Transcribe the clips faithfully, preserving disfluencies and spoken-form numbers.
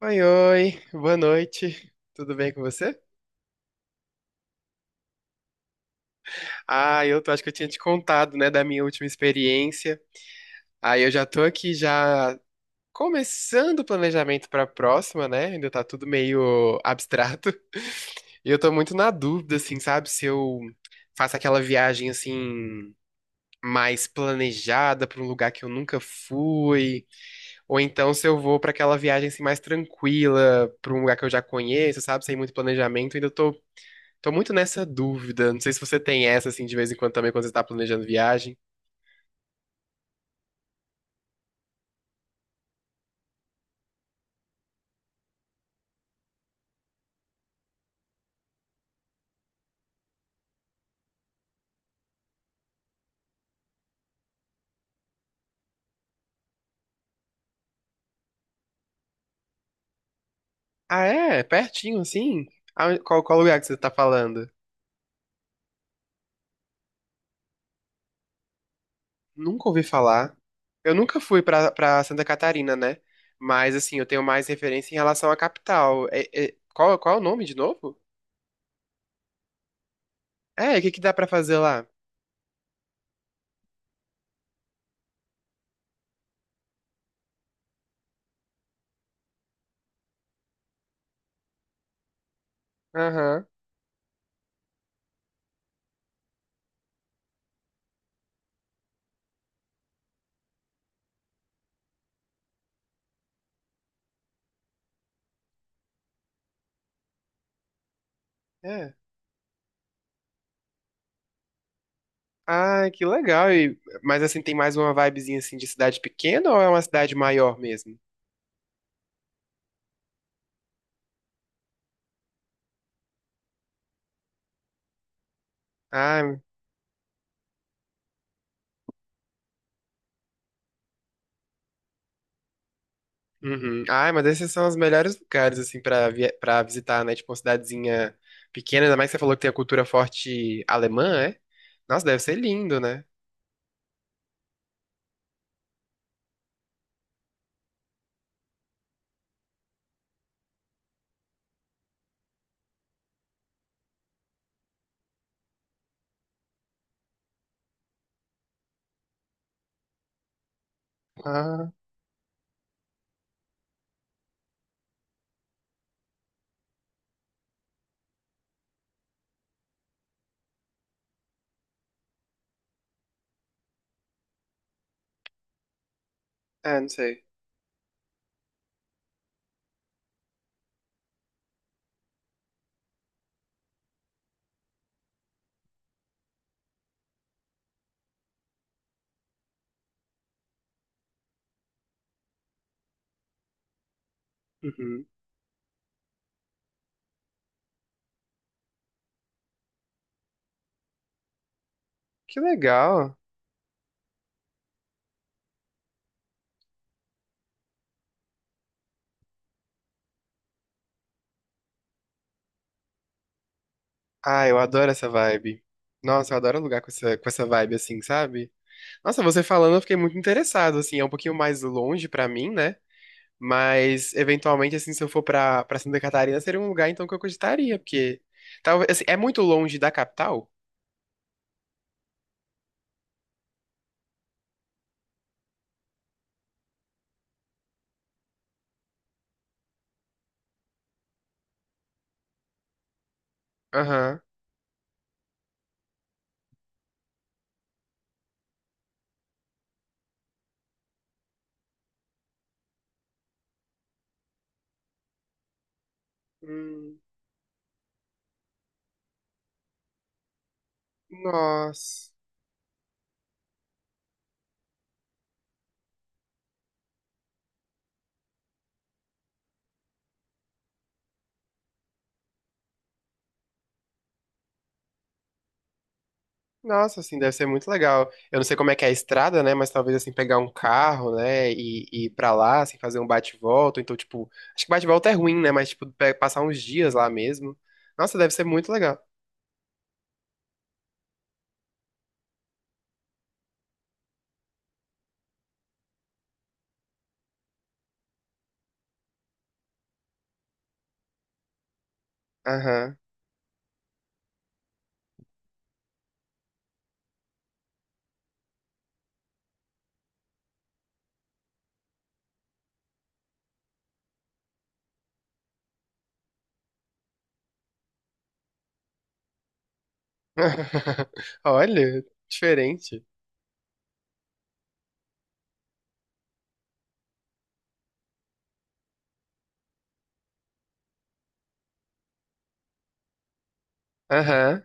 Oi, oi, boa noite. Tudo bem com você? Ah, eu tô- acho que eu tinha te contado, né, da minha última experiência. Aí eu já tô aqui já começando o planejamento pra próxima, né? Ainda tá tudo meio abstrato. E eu tô muito na dúvida, assim, sabe, se eu faço aquela viagem assim mais planejada pra um lugar que eu nunca fui, ou então se eu vou pra aquela viagem assim mais tranquila, pra um lugar que eu já conheço, sabe, sem muito planejamento. Ainda tô Tô muito nessa dúvida. Não sei se você tem essa, assim, de vez em quando também, quando você tá planejando viagem. Ah, é? Pertinho, assim? Ah, Qual, qual lugar que você tá falando? Nunca ouvi falar. Eu nunca fui pra, pra Santa Catarina, né? Mas, assim, eu tenho mais referência em relação à capital. É- é- qual, qual é o nome de novo? É, o que que dá pra fazer lá? Aham, é. Ah, que legal. E, mas, assim, tem mais uma vibezinha, assim, de cidade pequena ou é uma cidade maior mesmo? Ah. Uhum. Ai, mas esses são os melhores lugares, assim, pra, vi- pra visitar, né? Tipo, uma cidadezinha pequena, ainda mais que você falou que tem a cultura forte alemã, é? Nossa, deve ser lindo, né? Ah, é, não sei. Uhum. Que legal. Ah, eu adoro essa vibe. Nossa, eu adoro lugar com essa, com essa vibe, assim, sabe? Nossa, você falando, eu fiquei muito interessado, assim, é um pouquinho mais longe pra mim, né? Mas, eventualmente, assim, se eu for pra, pra Santa Catarina, seria um lugar, então, que eu cogitaria, porque... Talvez, assim, é muito longe da capital? Aham. Hum. Nossa. Nossa, assim, deve ser muito legal. Eu não sei como é que é a estrada, né? Mas talvez, assim, pegar um carro, né? E, e ir pra lá, assim, fazer um bate-volta. Então, tipo, acho que bate-volta é ruim, né? Mas, tipo, pe- passar uns dias lá mesmo. Nossa, deve ser muito legal. Aham. Olha, diferente. Aham.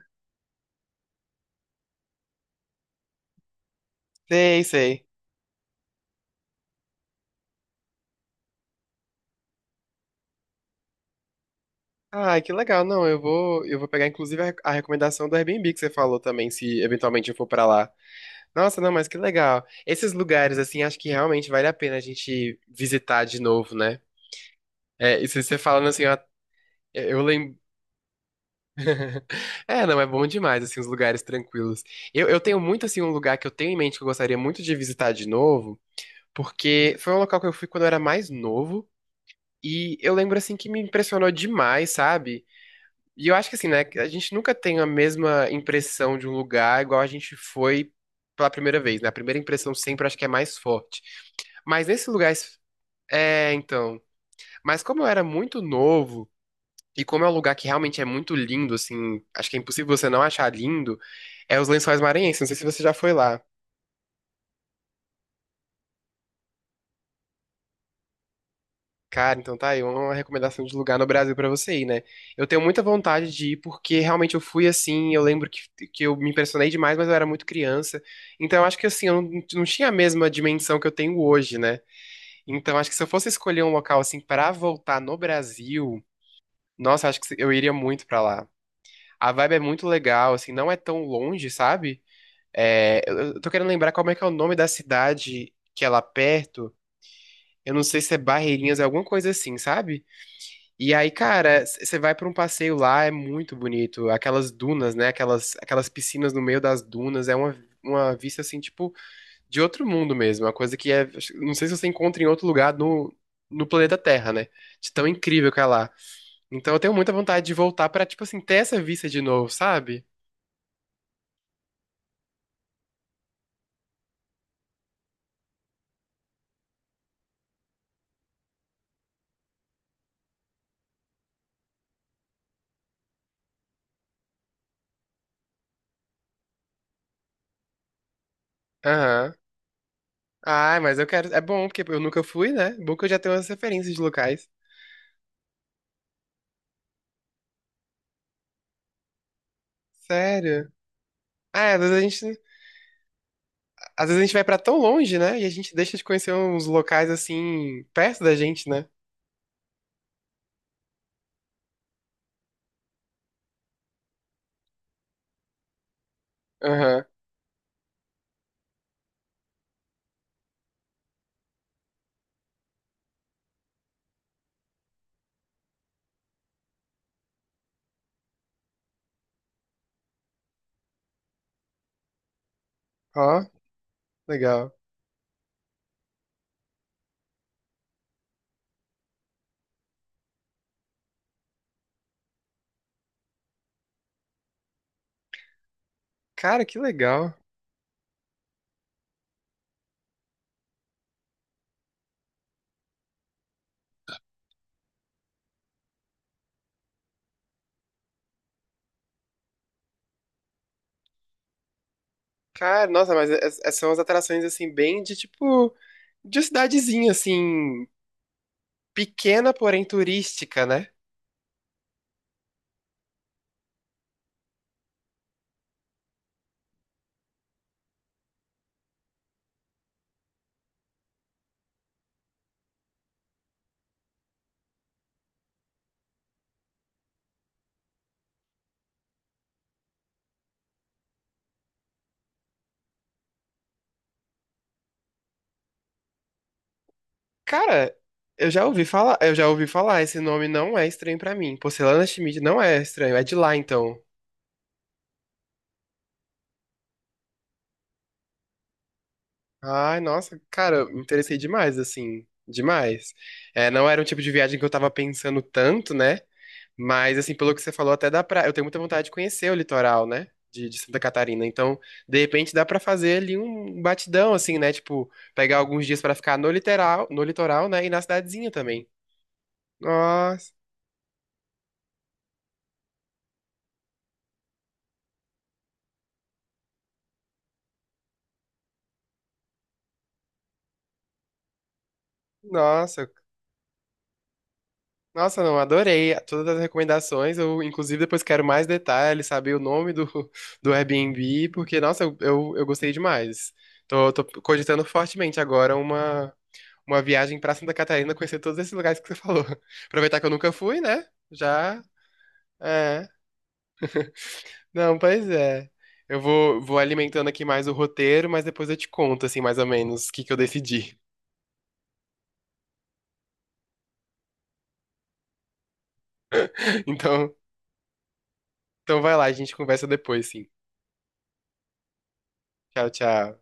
Sei, sei. Ah, que legal. Não, eu vou, eu vou pegar, inclusive, a, a recomendação do Airbnb que você falou também, se eventualmente eu for pra lá. Nossa, não, mas que legal. Esses lugares, assim, acho que realmente vale a pena a gente visitar de novo, né? É, isso você falando assim, ó, eu lembro. É, não, é bom demais, assim, os lugares tranquilos. Eu, eu tenho muito, assim, um lugar que eu tenho em mente que eu gostaria muito de visitar de novo, porque foi um local que eu fui quando eu era mais novo, e eu lembro, assim, que me impressionou demais, sabe? E eu acho que, assim, né, que a gente nunca tem a mesma impressão de um lugar igual a gente foi pela primeira vez, né? A primeira impressão sempre acho que é mais forte. Mas nesse lugar É, então. Mas como eu era muito novo, e como é um lugar que realmente é muito lindo, assim, acho que é impossível você não achar lindo, é os Lençóis Maranhenses. Não sei se você já foi lá. Cara, então tá aí uma recomendação de lugar no Brasil pra você ir, né? Eu tenho muita vontade de ir porque realmente eu fui assim, eu lembro que, que eu me impressionei demais, mas eu era muito criança. Então eu acho que assim, eu não, não tinha a mesma dimensão que eu tenho hoje, né? Então acho que se eu fosse escolher um local assim pra voltar no Brasil, nossa, acho que eu iria muito pra lá. A vibe é muito legal, assim, não é tão longe, sabe? É, eu eu tô querendo lembrar como é que é o nome da cidade que é lá perto. Eu não sei se é Barreirinhas, é alguma coisa assim, sabe? E aí, cara, c- você vai pra um passeio lá, é muito bonito. Aquelas dunas, né? Aquelas, aquelas piscinas no meio das dunas, é uma, uma vista, assim, tipo, de outro mundo mesmo. Uma coisa que é. Não sei se você encontra em outro lugar no, no planeta Terra, né? De tão incrível que é lá. Então eu tenho muita vontade de voltar pra, tipo assim, ter essa vista de novo, sabe? Aham. Ah, mas eu quero. É bom, porque eu nunca fui, né? Bom que eu já tenho umas referências de locais. Sério. Ah, é, às vezes a gente, às vezes a gente vai pra tão longe, né? E a gente deixa de conhecer uns locais assim, perto da gente, né? Aham. Ó, legal. Cara, que legal. Cara, nossa, mas es- essas são as atrações assim, bem de tipo, de cidadezinha, assim, pequena, porém turística, né? Cara, eu já ouvi falar, eu já ouvi falar, esse nome não é estranho pra mim. Porcelana Schmidt não é estranho, é de lá então. Ai, nossa, cara, eu me interessei demais, assim, demais. É, não era um tipo de viagem que eu tava pensando tanto, né? Mas, assim, pelo que você falou, até dá pra. Eu tenho muita vontade de conhecer o litoral, né? De, de Santa Catarina. Então, de repente, dá pra fazer ali um batidão, assim, né? Tipo, pegar alguns dias pra ficar no litoral, no litoral, né? E na cidadezinha também. Nossa, nossa. Nossa, não, adorei todas as recomendações. Eu, inclusive, depois quero mais detalhes, saber o nome do, do Airbnb, porque, nossa, eu, eu, eu gostei demais. Tô, tô cogitando fortemente agora uma, uma viagem pra Santa Catarina, conhecer todos esses lugares que você falou. Aproveitar que eu nunca fui, né? Já. É. Não, pois é. Eu vou, vou alimentando aqui mais o roteiro, mas depois eu te conto, assim, mais ou menos, o que que eu decidi. Então, então vai lá, a gente conversa depois, sim. Tchau, tchau.